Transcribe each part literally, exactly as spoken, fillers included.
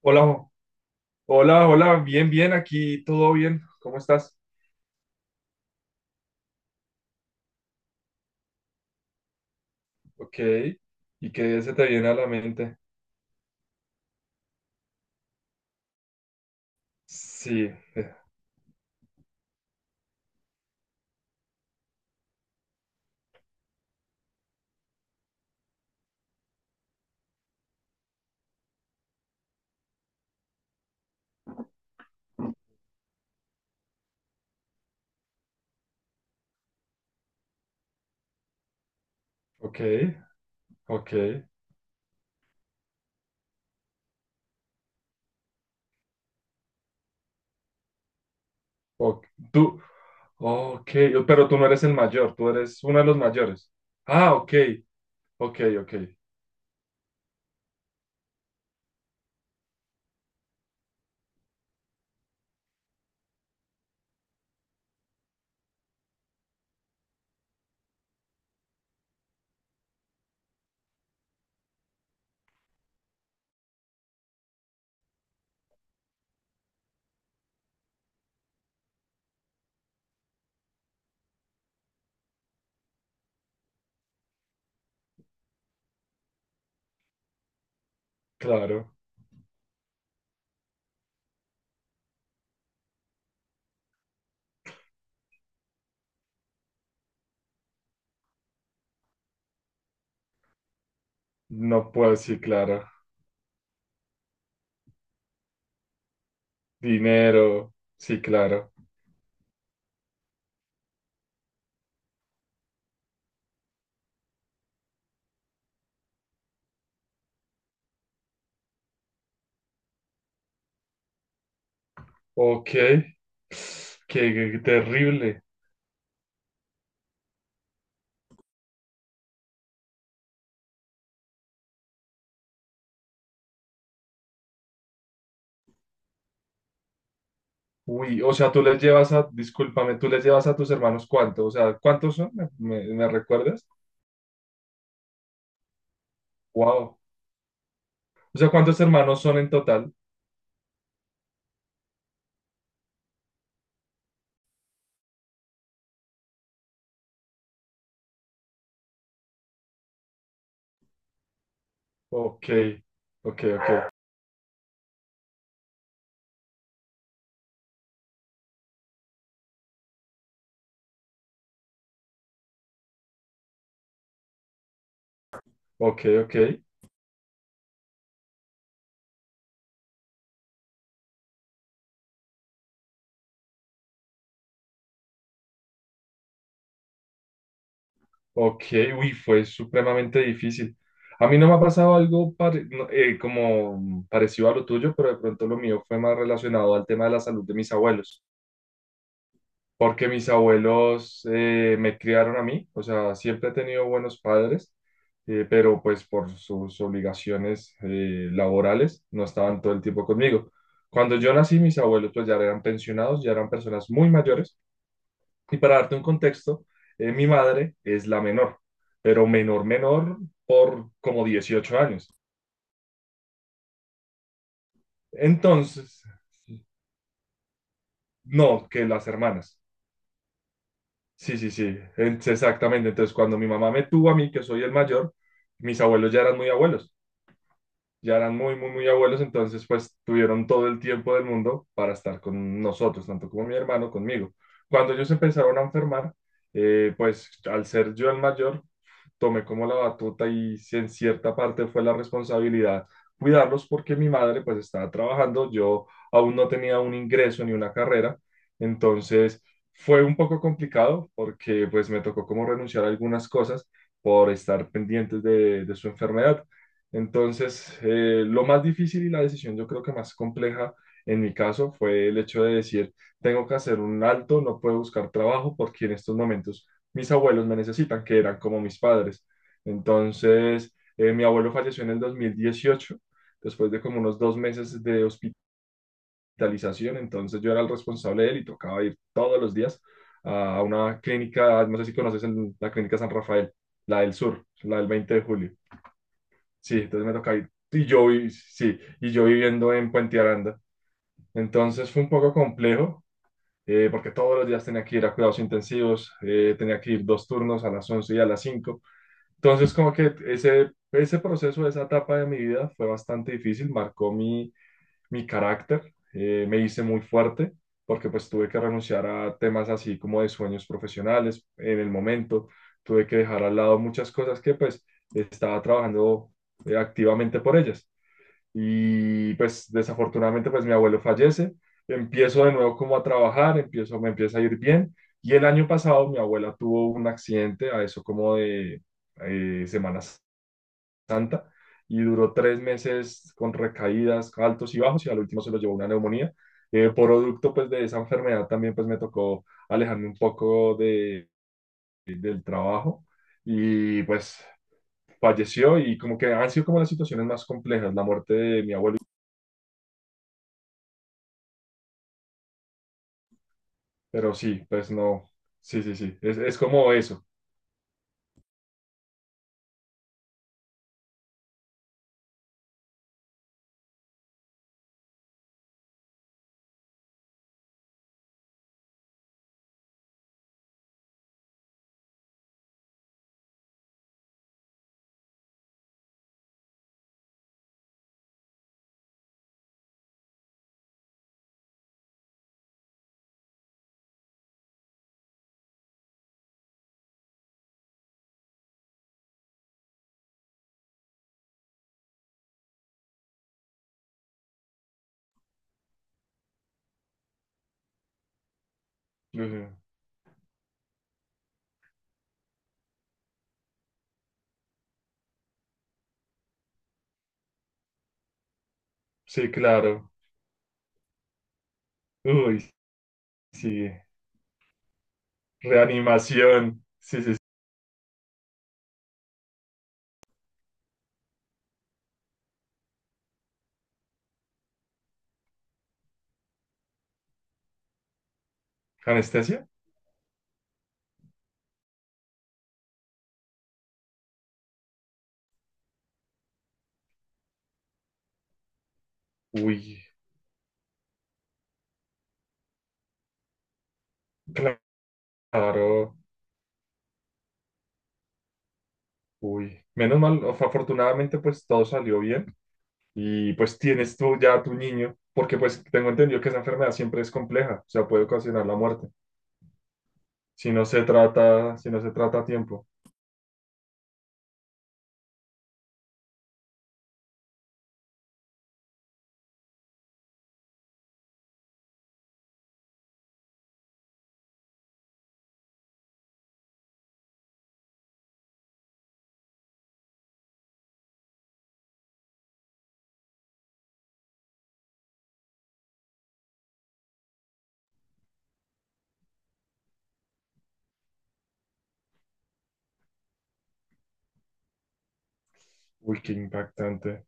Hola, Jo- hola, hola, bien, bien, aquí todo bien, ¿cómo estás? Ok. ¿Y qué se te viene a la mente? Sí, ok, ok, ok, tú, ok, oh, pero tú no eres el mayor, tú eres uno de los mayores. Ah, ok, ok, ok, claro, no puedo, sí, claro, dinero, sí, claro, ok, qué terrible. Uy, o sea, tú les llevas a, discúlpame, tú les llevas a tus hermanos cuánto, o sea, ¿cuántos son? ¿Me, me- me recuerdas? Wow. O sea, ¿cuántos hermanos son en total? Ok, ok, ok, ok, ok, ok, uy, fue supremamente difícil. A mí no me ha pasado algo pare- no, eh, como parecido a lo tuyo, pero de pronto lo mío fue más relacionado al tema de la salud de mis abuelos. Porque mis abuelos eh, me criaron a mí, o sea, siempre he tenido buenos padres, eh, pero pues por sus obligaciones eh, laborales no estaban todo el tiempo conmigo. Cuando yo nací, mis abuelos pues ya eran pensionados, ya eran personas muy mayores, y para darte un contexto, eh, mi madre es la menor, pero menor, menor por como dieciocho años. Entonces, no, que las hermanas. Sí, sí, sí. Ent- exactamente. Entonces, cuando mi mamá me tuvo a mí, que soy el mayor, mis abuelos ya eran muy abuelos ya eran muy, muy, muy abuelos, entonces pues tuvieron todo el tiempo del mundo para estar con nosotros, tanto como mi hermano, conmigo. Cuando ellos empezaron a enfermar, eh, pues al ser yo el mayor, tomé como la batuta y si en cierta parte fue la responsabilidad cuidarlos porque mi madre pues estaba trabajando, yo aún no tenía un ingreso ni una carrera, entonces fue un poco complicado porque pues me tocó como renunciar a algunas cosas por estar pendientes de de su enfermedad. Entonces, eh, lo más difícil y la decisión yo creo que más compleja en mi caso fue el hecho de decir, tengo que hacer un alto, no puedo buscar trabajo porque en estos momentos mis abuelos me necesitan, que eran como mis padres. Entonces, eh, mi abuelo falleció en el dos mil dieciocho después de como unos dos meses de hospitalización, entonces yo era el responsable de él y tocaba ir todos los días a una clínica, no sé si conoces el- la Clínica San Rafael, la del sur, la del veinte de julio. Sí, entonces me tocaba ir. Y yo, vi- sí, y yo viviendo en Puente Aranda. Entonces fue un poco complejo, eh, porque todos los días tenía que ir a cuidados intensivos, eh, tenía que ir dos turnos a las once y a las cinco. Entonces, como que ese, ese proceso, esa etapa de mi vida fue bastante difícil, marcó mi, mi carácter, eh, me hice muy fuerte, porque pues tuve que renunciar a temas así como de sueños profesionales en el momento, tuve que dejar al lado muchas cosas que pues estaba trabajando eh, activamente por ellas. Y pues desafortunadamente pues mi abuelo fallece, empiezo de nuevo como a trabajar, empiezo, me empieza a ir bien. Y el año pasado mi abuela tuvo un accidente, a eso como de eh, Semana Santa, y duró tres meses con recaídas, altos y bajos, y al último se lo llevó una neumonía. Eh, producto pues de esa enfermedad también pues me tocó alejarme un poco de, del trabajo y pues falleció y como que han sido como las situaciones más complejas, la muerte de mi abuelo. Pero sí, pues no. Sí, sí, sí. Es, es como eso. Ujú. Sí, claro. Uy, sí. Reanimación. Sí, sí, sí. ¿Anestesia? Uy, claro. Uy. Menos mal, af- afortunadamente, pues todo salió bien. Y pues tienes tú ya a tu niño, porque pues tengo entendido que esa enfermedad siempre es compleja, o sea, puede ocasionar la muerte. Si no se trata, si no se trata a tiempo. Uy, qué impactante.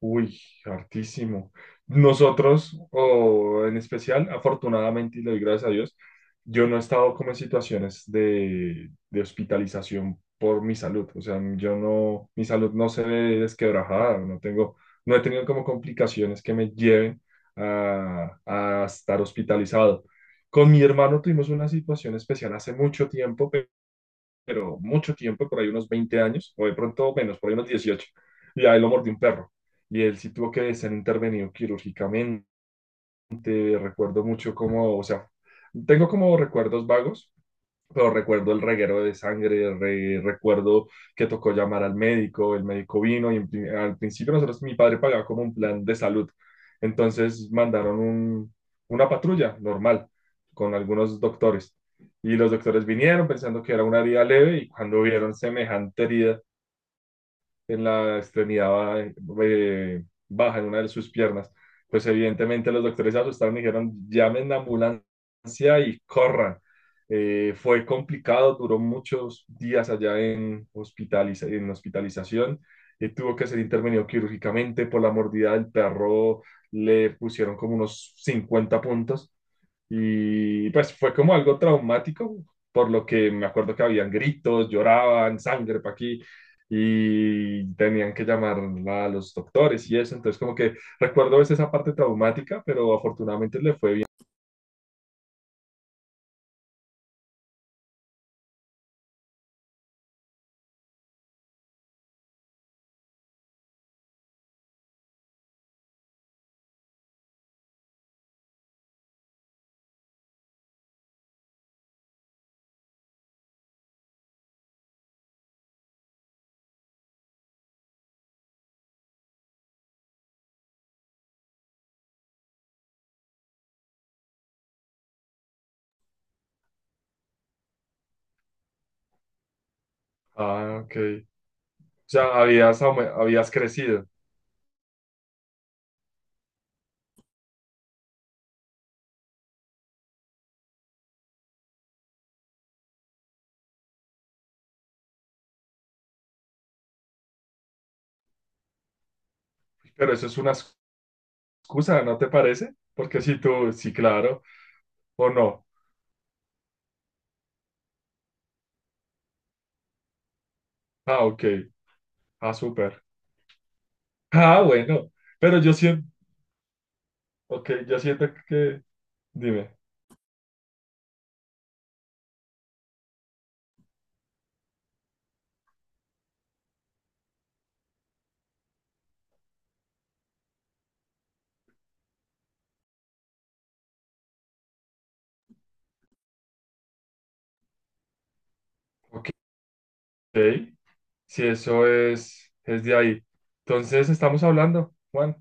Uy, hartísimo. Nosotros, o en especial, afortunadamente, y le doy gracias a Dios, yo no he estado como en situaciones de, de hospitalización por mi salud. O sea, yo no, mi salud no se ve desquebrajada, no tengo, no he tenido como complicaciones que me lleven a, a estar hospitalizado. Con mi hermano tuvimos una situación especial hace mucho tiempo, pero mucho tiempo, por ahí unos veinte años, o de pronto menos, por ahí unos dieciocho, y a él lo mordió un perro. Y él sí tuvo que ser intervenido quirúrgicamente. Recuerdo mucho cómo, o sea, tengo como recuerdos vagos, pero recuerdo el reguero de sangre, re- recuerdo que tocó llamar al médico. El médico vino y en pri- al principio nosotros, mi padre pagaba como un plan de salud, entonces mandaron un- una patrulla normal con algunos doctores, y los doctores vinieron pensando que era una herida leve y cuando vieron semejante herida en la extremidad ba- eh, baja, en una de sus piernas. Pues evidentemente los doctores se asustaron y dijeron, llamen la ambulancia y corran. Eh, fue complicado, duró muchos días allá en, hospitaliza- en hospitalización. Eh, tuvo que ser intervenido quirúrgicamente por la mordida del perro. Le pusieron como unos cincuenta puntos y pues fue como algo traumático, por lo que me acuerdo que habían gritos, lloraban, sangre para aquí, y tenían que llamar a los doctores y eso. Entonces, como que recuerdo a veces esa parte traumática, pero afortunadamente le fue bien. Ah, ok. O sea, habías, aume- habías crecido, pero eso es una excusa, ¿no te parece? Porque si tú, sí, claro, o no. Ah, ok. Ah, súper. Ah, bueno. Pero yo siento, ok, yo siento que, dime, ok, si eso es, es de ahí. Entonces, estamos hablando, Juan,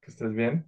que estés bien.